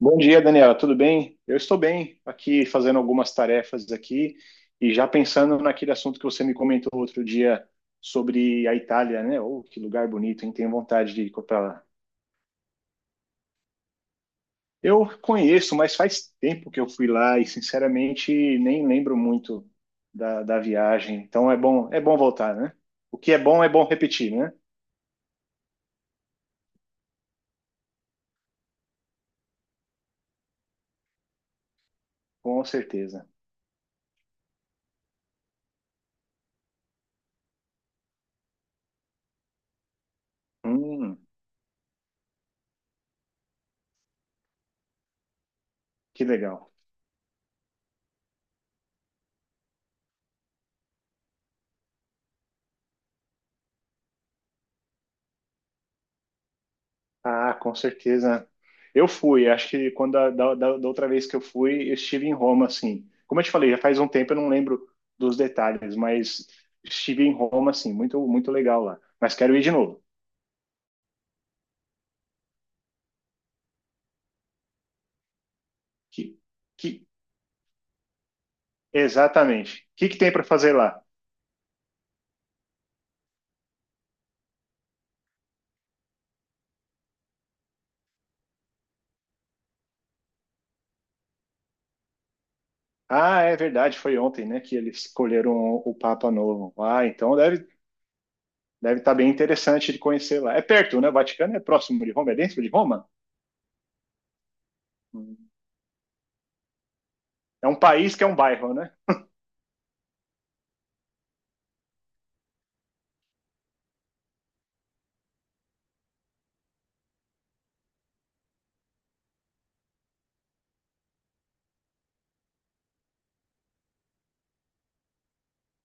Bom dia, Daniela. Tudo bem? Eu estou bem aqui fazendo algumas tarefas aqui e já pensando naquele assunto que você me comentou outro dia sobre a Itália, né? Oh, que lugar bonito, hein? Tenho vontade de ir para lá. Eu conheço, mas faz tempo que eu fui lá e sinceramente nem lembro muito da viagem. Então é bom voltar, né? O que é bom repetir, né? Com certeza. Hum, que legal. Ah, com certeza. Eu fui, acho que quando a- da, da, da outra vez que eu fui, eu estive em Roma, assim. Como eu te falei, já faz um tempo, eu não lembro dos detalhes, mas estive em Roma, assim, muito legal lá. Mas quero ir de novo. Que, que, Exatamente. O que que tem para fazer lá? Ah, é verdade, foi ontem, né, que eles escolheram o Papa novo. Ah, deve estar bem interessante de conhecer lá. É perto, né? O Vaticano é próximo de Roma, é dentro de Roma? Hum. É um país que é um bairro, né?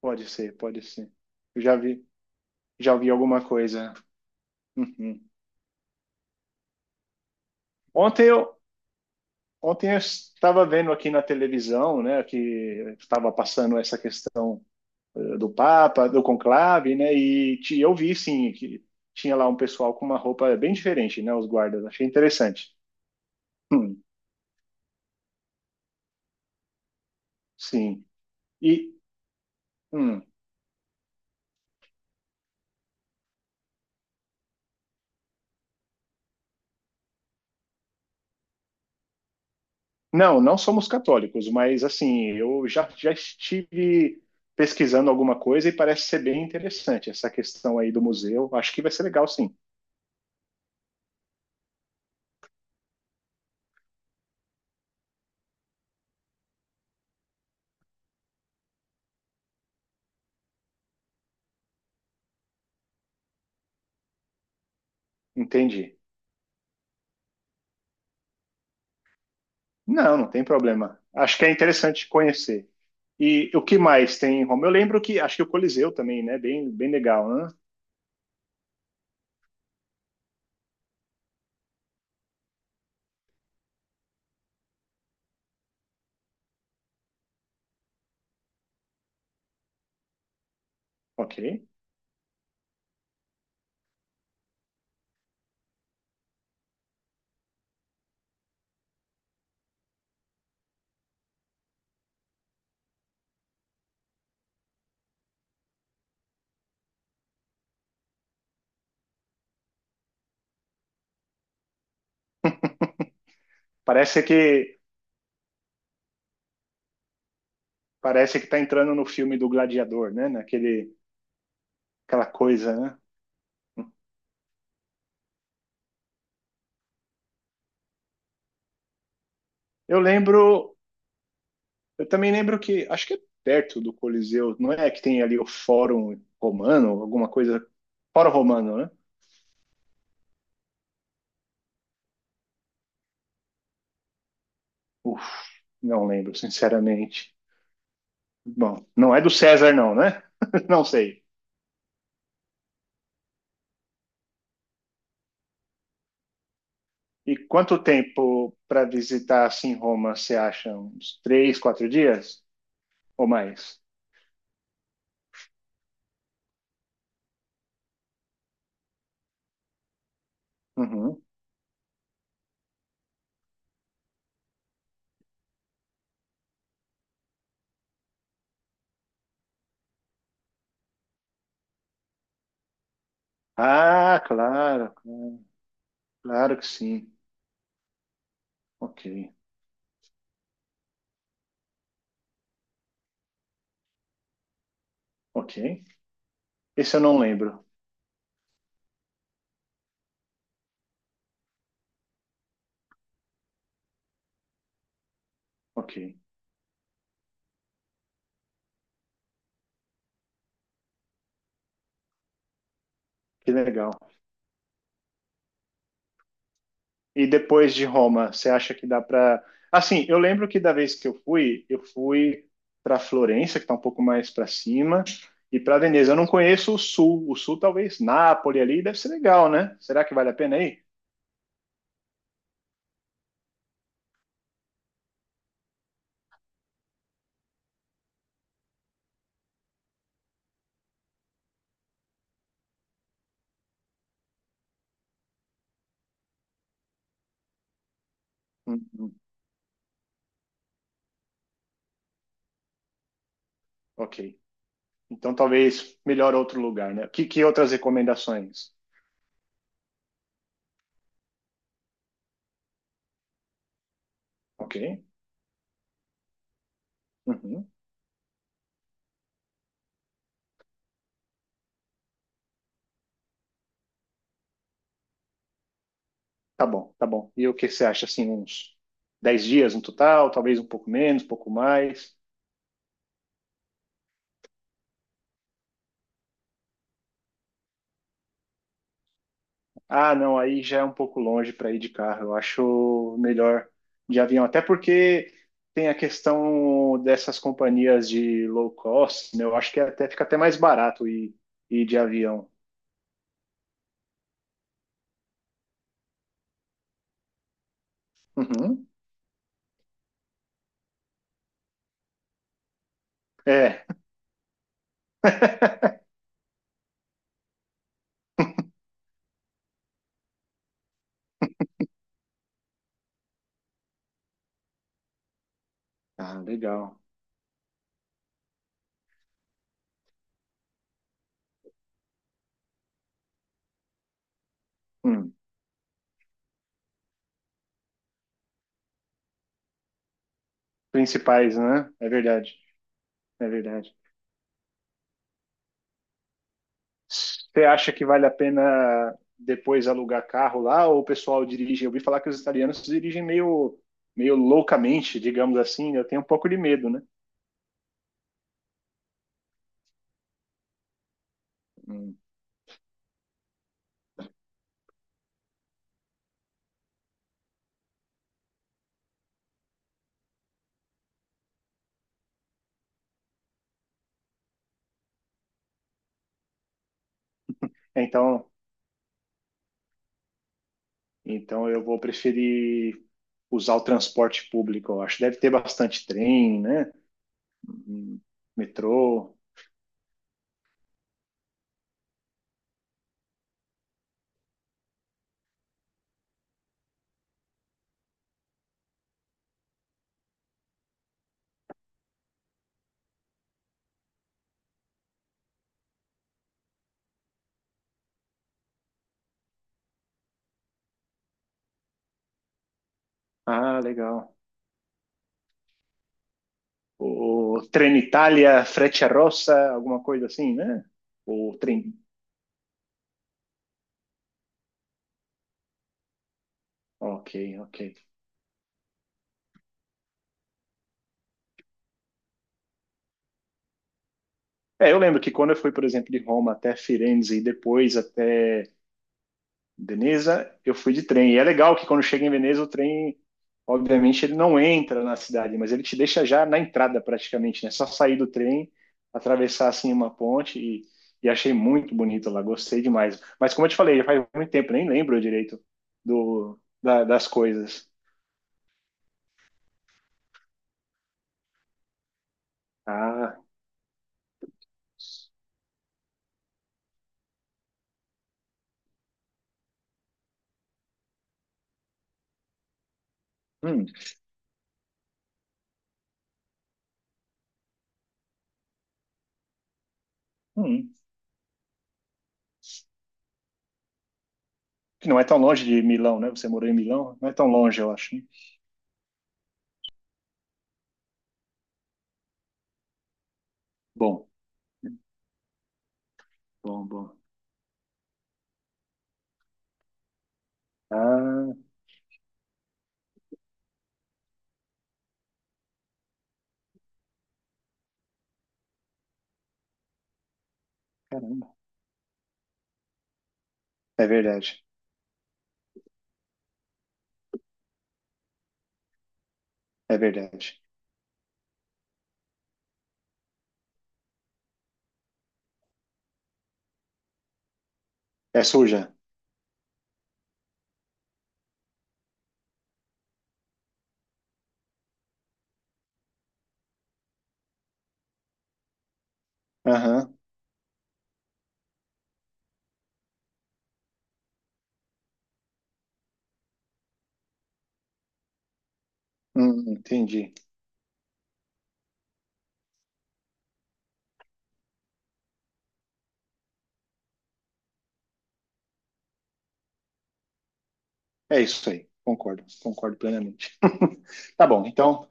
Pode ser, pode ser. Eu já vi. Já ouvi alguma coisa. Uhum. Ontem eu, ontem eu estava vendo aqui na televisão, né, que estava passando essa questão do Papa, do conclave, né, e eu vi, sim, que tinha lá um pessoal com uma roupa bem diferente, né, os guardas. Achei interessante. Hum, sim. E, hum, não, não somos católicos, mas, assim, já estive pesquisando alguma coisa e parece ser bem interessante essa questão aí do museu. Acho que vai ser legal, sim. Entendi. Não, não tem problema. Acho que é interessante conhecer. E o que mais tem em Roma? Eu lembro que acho que o Coliseu também, né? Bem, bem legal, né? Ok. Parece que parece que tá entrando no filme do Gladiador, né? Naquele aquela coisa, né? Eu lembro, eu também lembro que acho que é perto do Coliseu, não é que tem ali o Fórum Romano, alguma coisa Fórum Romano, né? Uf, não lembro, sinceramente. Bom, não é do César não, né? Não sei. E quanto tempo para visitar assim Roma, você acha? Uns três, quatro dias ou mais? Uhum. Ah, claro, claro, claro que sim. Ok, ok. Esse eu não lembro. Ok, que legal. E depois de Roma, você acha que dá para? Assim, eu lembro que da vez que eu fui para Florença, que está um pouco mais para cima, e para Veneza. Eu não conheço o sul. O sul, talvez Nápoles ali, deve ser legal, né? Será que vale a pena ir? Uhum. Ok. Então, talvez melhor outro lugar, né? Que outras recomendações? Ok. Uhum. Tá bom, tá bom. E o que você acha, assim, uns 10 dias no total? Talvez um pouco menos, um pouco mais? Ah, não, aí já é um pouco longe para ir de carro. Eu acho melhor de avião. Até porque tem a questão dessas companhias de low cost, né? Eu acho que até fica até mais barato ir de avião. Uhum. É. Ah, legal. Hum. Principais, né? É verdade. É verdade. Você acha que vale a pena depois alugar carro lá ou o pessoal dirige? Eu ouvi falar que os italianos dirigem meio, meio loucamente, digamos assim, né? Eu tenho um pouco de medo, né? Hum. Então, então eu vou preferir usar o transporte público, eu acho. Deve ter bastante trem, né? Hum, Metrô. Ah, legal. O Trenitalia, Frecciarossa, alguma coisa assim, né? O trem. Ok, ok. É, eu lembro que quando eu fui, por exemplo, de Roma até Firenze e depois até Veneza, eu fui de trem. E é legal que quando chega em Veneza, o trem, obviamente, ele não entra na cidade, mas ele te deixa já na entrada praticamente, né? Só sair do trem, atravessar assim uma ponte e achei muito bonito lá, gostei demais. Mas como eu te falei, já faz muito tempo, nem lembro direito das coisas. Ah, hum, hum. Que não é tão longe de Milão, né? Você morou em Milão, não é tão longe, eu acho, né? Bom, bom, bom. Ah, caramba. É verdade. É verdade. É suja. Aham. Entendi. É isso aí. Concordo. Concordo plenamente. Tá bom.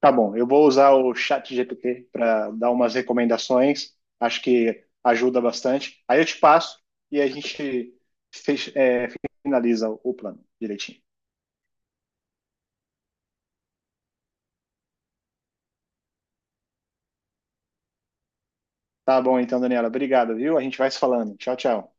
Tá bom. Eu vou usar o chat GPT para dar umas recomendações. Acho que ajuda bastante. Aí eu te passo e a gente fech- é, finaliza o plano direitinho. Tá bom, então, Daniela. Obrigado, viu? A gente vai se falando. Tchau, tchau.